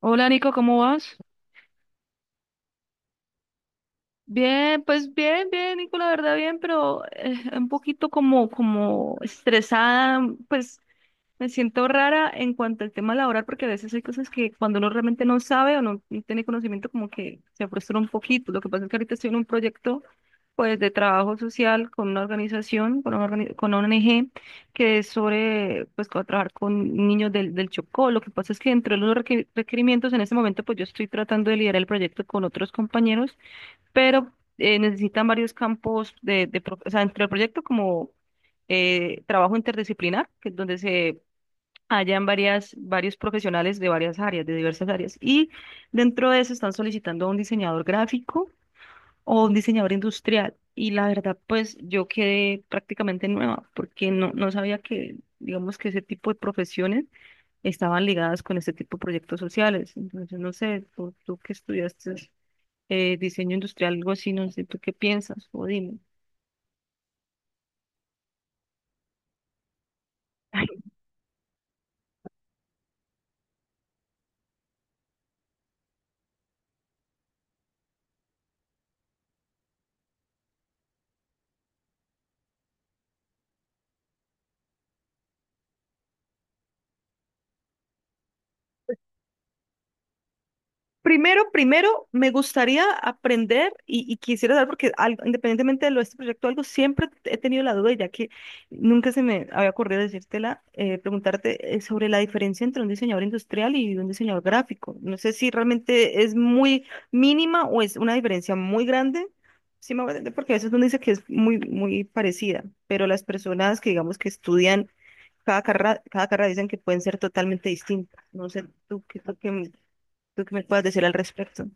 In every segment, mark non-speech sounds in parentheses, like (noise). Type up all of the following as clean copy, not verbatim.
Hola, Nico, ¿cómo vas? Bien, pues bien, bien, Nico, la verdad bien, pero un poquito como, como estresada, pues. Me siento rara en cuanto al tema laboral porque a veces hay cosas que cuando uno realmente no sabe o no tiene conocimiento como que se frustra un poquito. Lo que pasa es que ahorita estoy en un proyecto pues de trabajo social con una organización, con una, con una ONG que es sobre pues trabajar con niños del Chocó. Lo que pasa es que dentro de los requerimientos en este momento pues yo estoy tratando de liderar el proyecto con otros compañeros, pero necesitan varios campos o sea, entre el proyecto como trabajo interdisciplinar, que es donde se hayan varios profesionales de varias áreas, de diversas áreas, y dentro de eso están solicitando a un diseñador gráfico o un diseñador industrial. Y la verdad, pues yo quedé prácticamente nueva porque no sabía que, digamos, que ese tipo de profesiones estaban ligadas con este tipo de proyectos sociales. Entonces, no sé, tú que estudiaste diseño industrial, algo así, no sé, ¿tú qué piensas? O dime. Primero, primero, me gustaría aprender y quisiera saber, porque independientemente de lo de este proyecto, algo siempre he tenido la duda, y ya que nunca se me había ocurrido decírtela, preguntarte sobre la diferencia entre un diseñador industrial y un diseñador gráfico. No sé si realmente es muy mínima o es una diferencia muy grande. Sí, me voy a entender, porque a veces uno dice que es muy, muy parecida, pero las personas que digamos que estudian cada carrera dicen que pueden ser totalmente distintas. No sé, tú qué ¿Tú qué me puedes decir al respecto?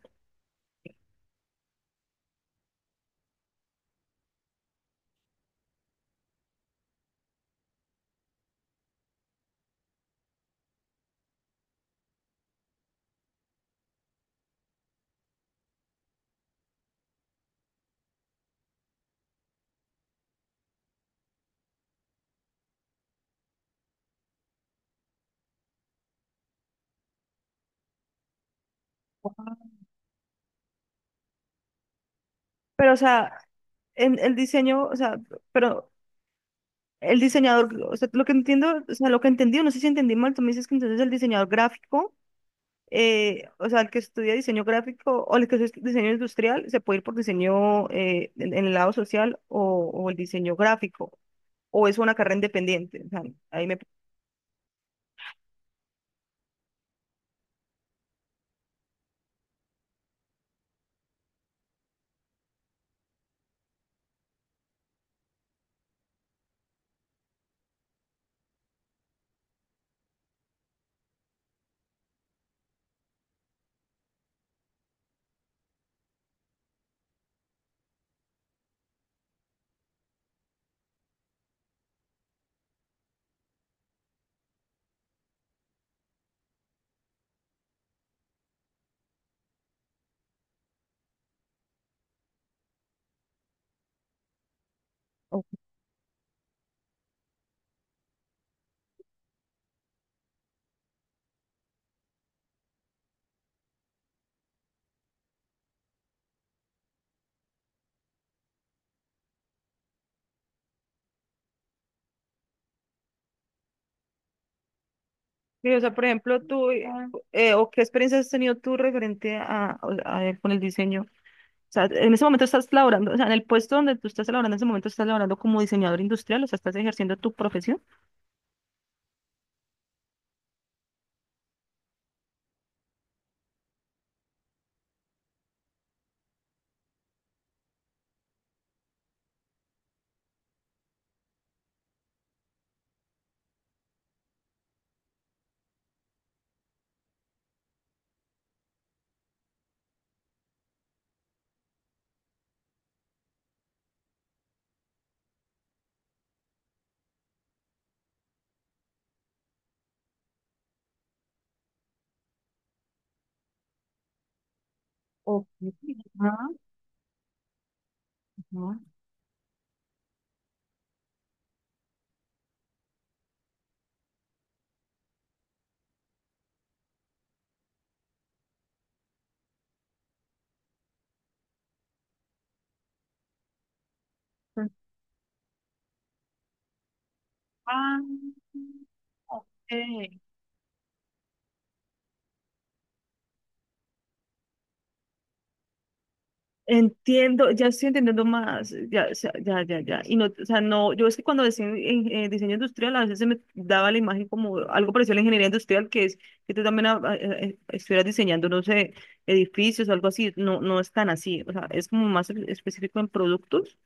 Pero, o sea, en el diseño, o sea, pero el diseñador, o sea, lo que entiendo, o sea, lo que entendí, no sé si entendí mal, tú me dices que entonces el diseñador gráfico, o sea, el que estudia diseño gráfico o el que estudia diseño industrial, se puede ir por diseño en el lado social o el diseño gráfico, o es una carrera independiente. O sea, ahí me... Ok. Sí. O sea, por ejemplo, o qué experiencias has tenido tú referente con el diseño. Sea, en ese momento estás laborando, o sea, en el puesto donde tú estás laborando, en ese momento estás laborando como diseñador industrial, o sea, estás ejerciendo tu profesión. Ok. Ah, ah. Pues, ah, ok. Entiendo, ya estoy entendiendo más, ya, o sea, ya, ya, ya. Y no, o sea, no, yo es que cuando decía en diseño industrial, a veces se me daba la imagen como algo parecido a la ingeniería industrial, que es que tú también estuvieras diseñando, no sé, edificios o algo así. No, no es tan así, o sea, es como más específico en productos.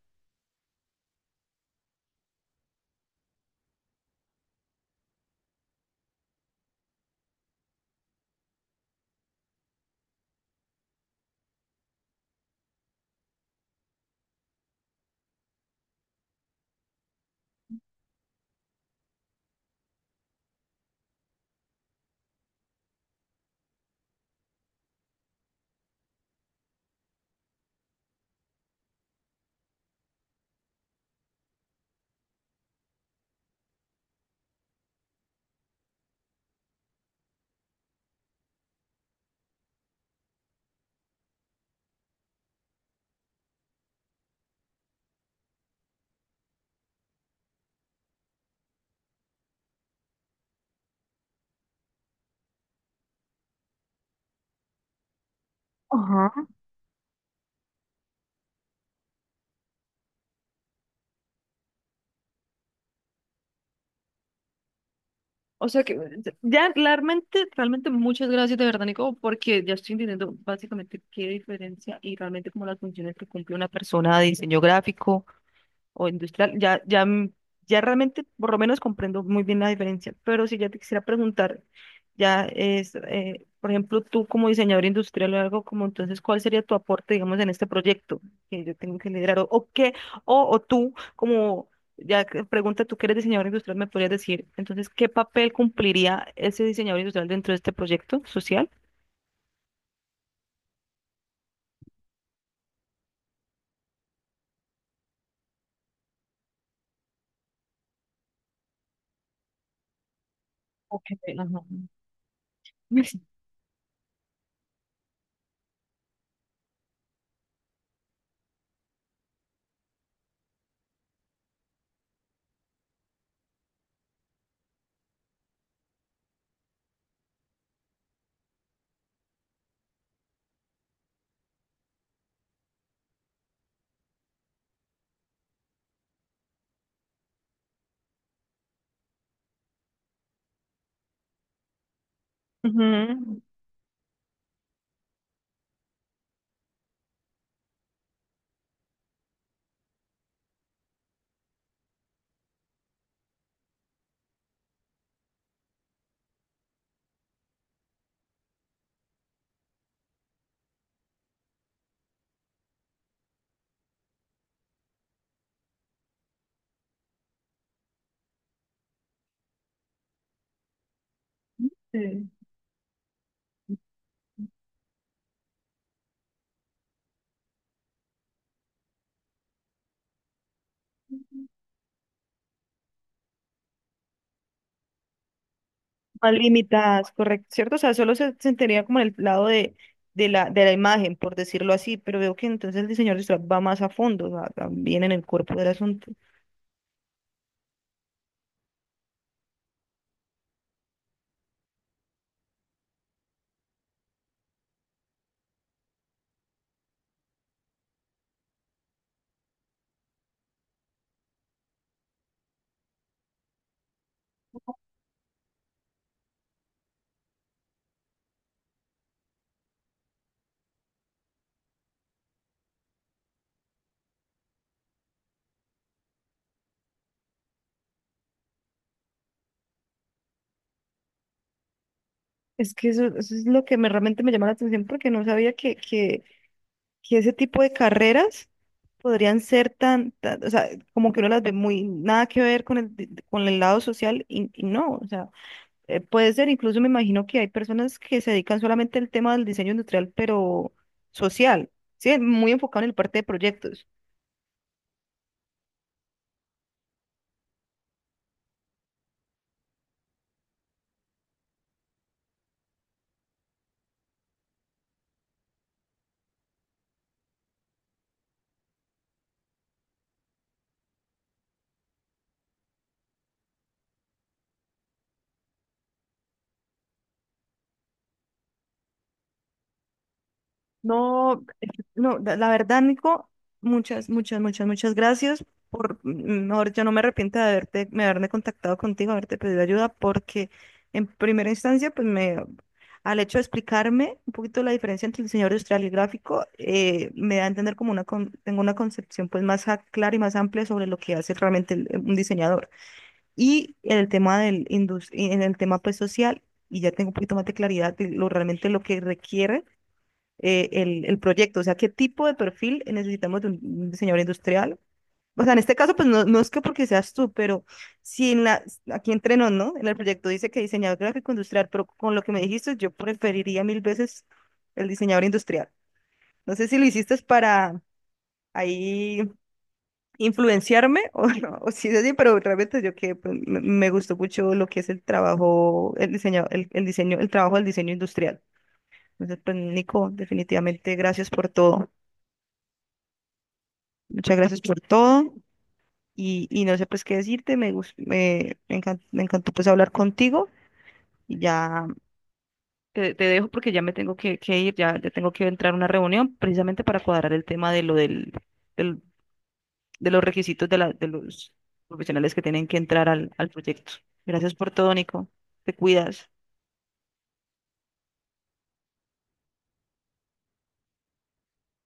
O sea que ya realmente, realmente muchas gracias de verdad, Nico, porque ya estoy entendiendo básicamente qué diferencia y realmente como las funciones que cumple una persona de diseño gráfico, o industrial, ya realmente por lo menos comprendo muy bien la diferencia, pero si ya te quisiera preguntar, ya es, por ejemplo, tú como diseñador industrial o algo como, entonces, ¿cuál sería tu aporte, digamos, en este proyecto que yo tengo que liderar? O qué? O tú, como, pregunta, tú que eres diseñador industrial, ¿me podrías decir, entonces, qué papel cumpliría ese diseñador industrial dentro de este proyecto social? Ok, ajá. (laughs) Ujú. Sí. Más limitadas, correcto, ¿cierto? O sea, solo se sentiría como en el lado de, de la imagen, por decirlo así, pero veo que entonces el diseñador visual va más a fondo, o sea, también en el cuerpo del asunto. Es que eso es lo que me, realmente me llama la atención porque no sabía que ese tipo de carreras podrían ser tan, o sea, como que uno las ve muy, nada que ver con el lado social y no, o sea. Puede ser, incluso me imagino que hay personas que se dedican solamente al tema del diseño industrial, pero social, ¿sí? Muy enfocado en el parte de proyectos. No, no, la la verdad, Nico, muchas, muchas, muchas, muchas gracias por, mejor, yo no me arrepiento de haberte, me haberme contactado contigo, haberte pedido ayuda, porque en primera instancia, pues me, al hecho de explicarme un poquito la diferencia entre el diseño industrial y el gráfico, me da a entender como una, tengo una concepción pues más clara y más amplia sobre lo que hace realmente un diseñador. Y en el tema en el tema pues social, y ya tengo un poquito más de claridad de lo realmente lo que requiere el proyecto, o sea, qué tipo de perfil necesitamos de un diseñador industrial. O sea, en este caso, pues no, no es que porque seas tú, pero si en la, aquí entre nos, ¿no? En el proyecto dice que diseñador gráfico industrial, pero con lo que me dijiste, yo preferiría mil veces el diseñador industrial. No sé si lo hiciste para ahí influenciarme (laughs) o no, o si es así, pero realmente yo que pues, me gustó mucho lo que es el trabajo, el diseño, el diseño, el trabajo del diseño industrial. Entonces, pues, Nico, definitivamente gracias por todo. Muchas gracias por todo y no sé pues qué decirte, me, gus- me encan- me encantó pues hablar contigo y ya te dejo porque ya me tengo que ir, ya, ya tengo que entrar a una reunión precisamente para cuadrar el tema de lo del- de los requisitos de los profesionales que tienen que entrar al, al proyecto. Gracias por todo, Nico. Te cuidas.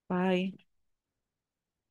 Bye.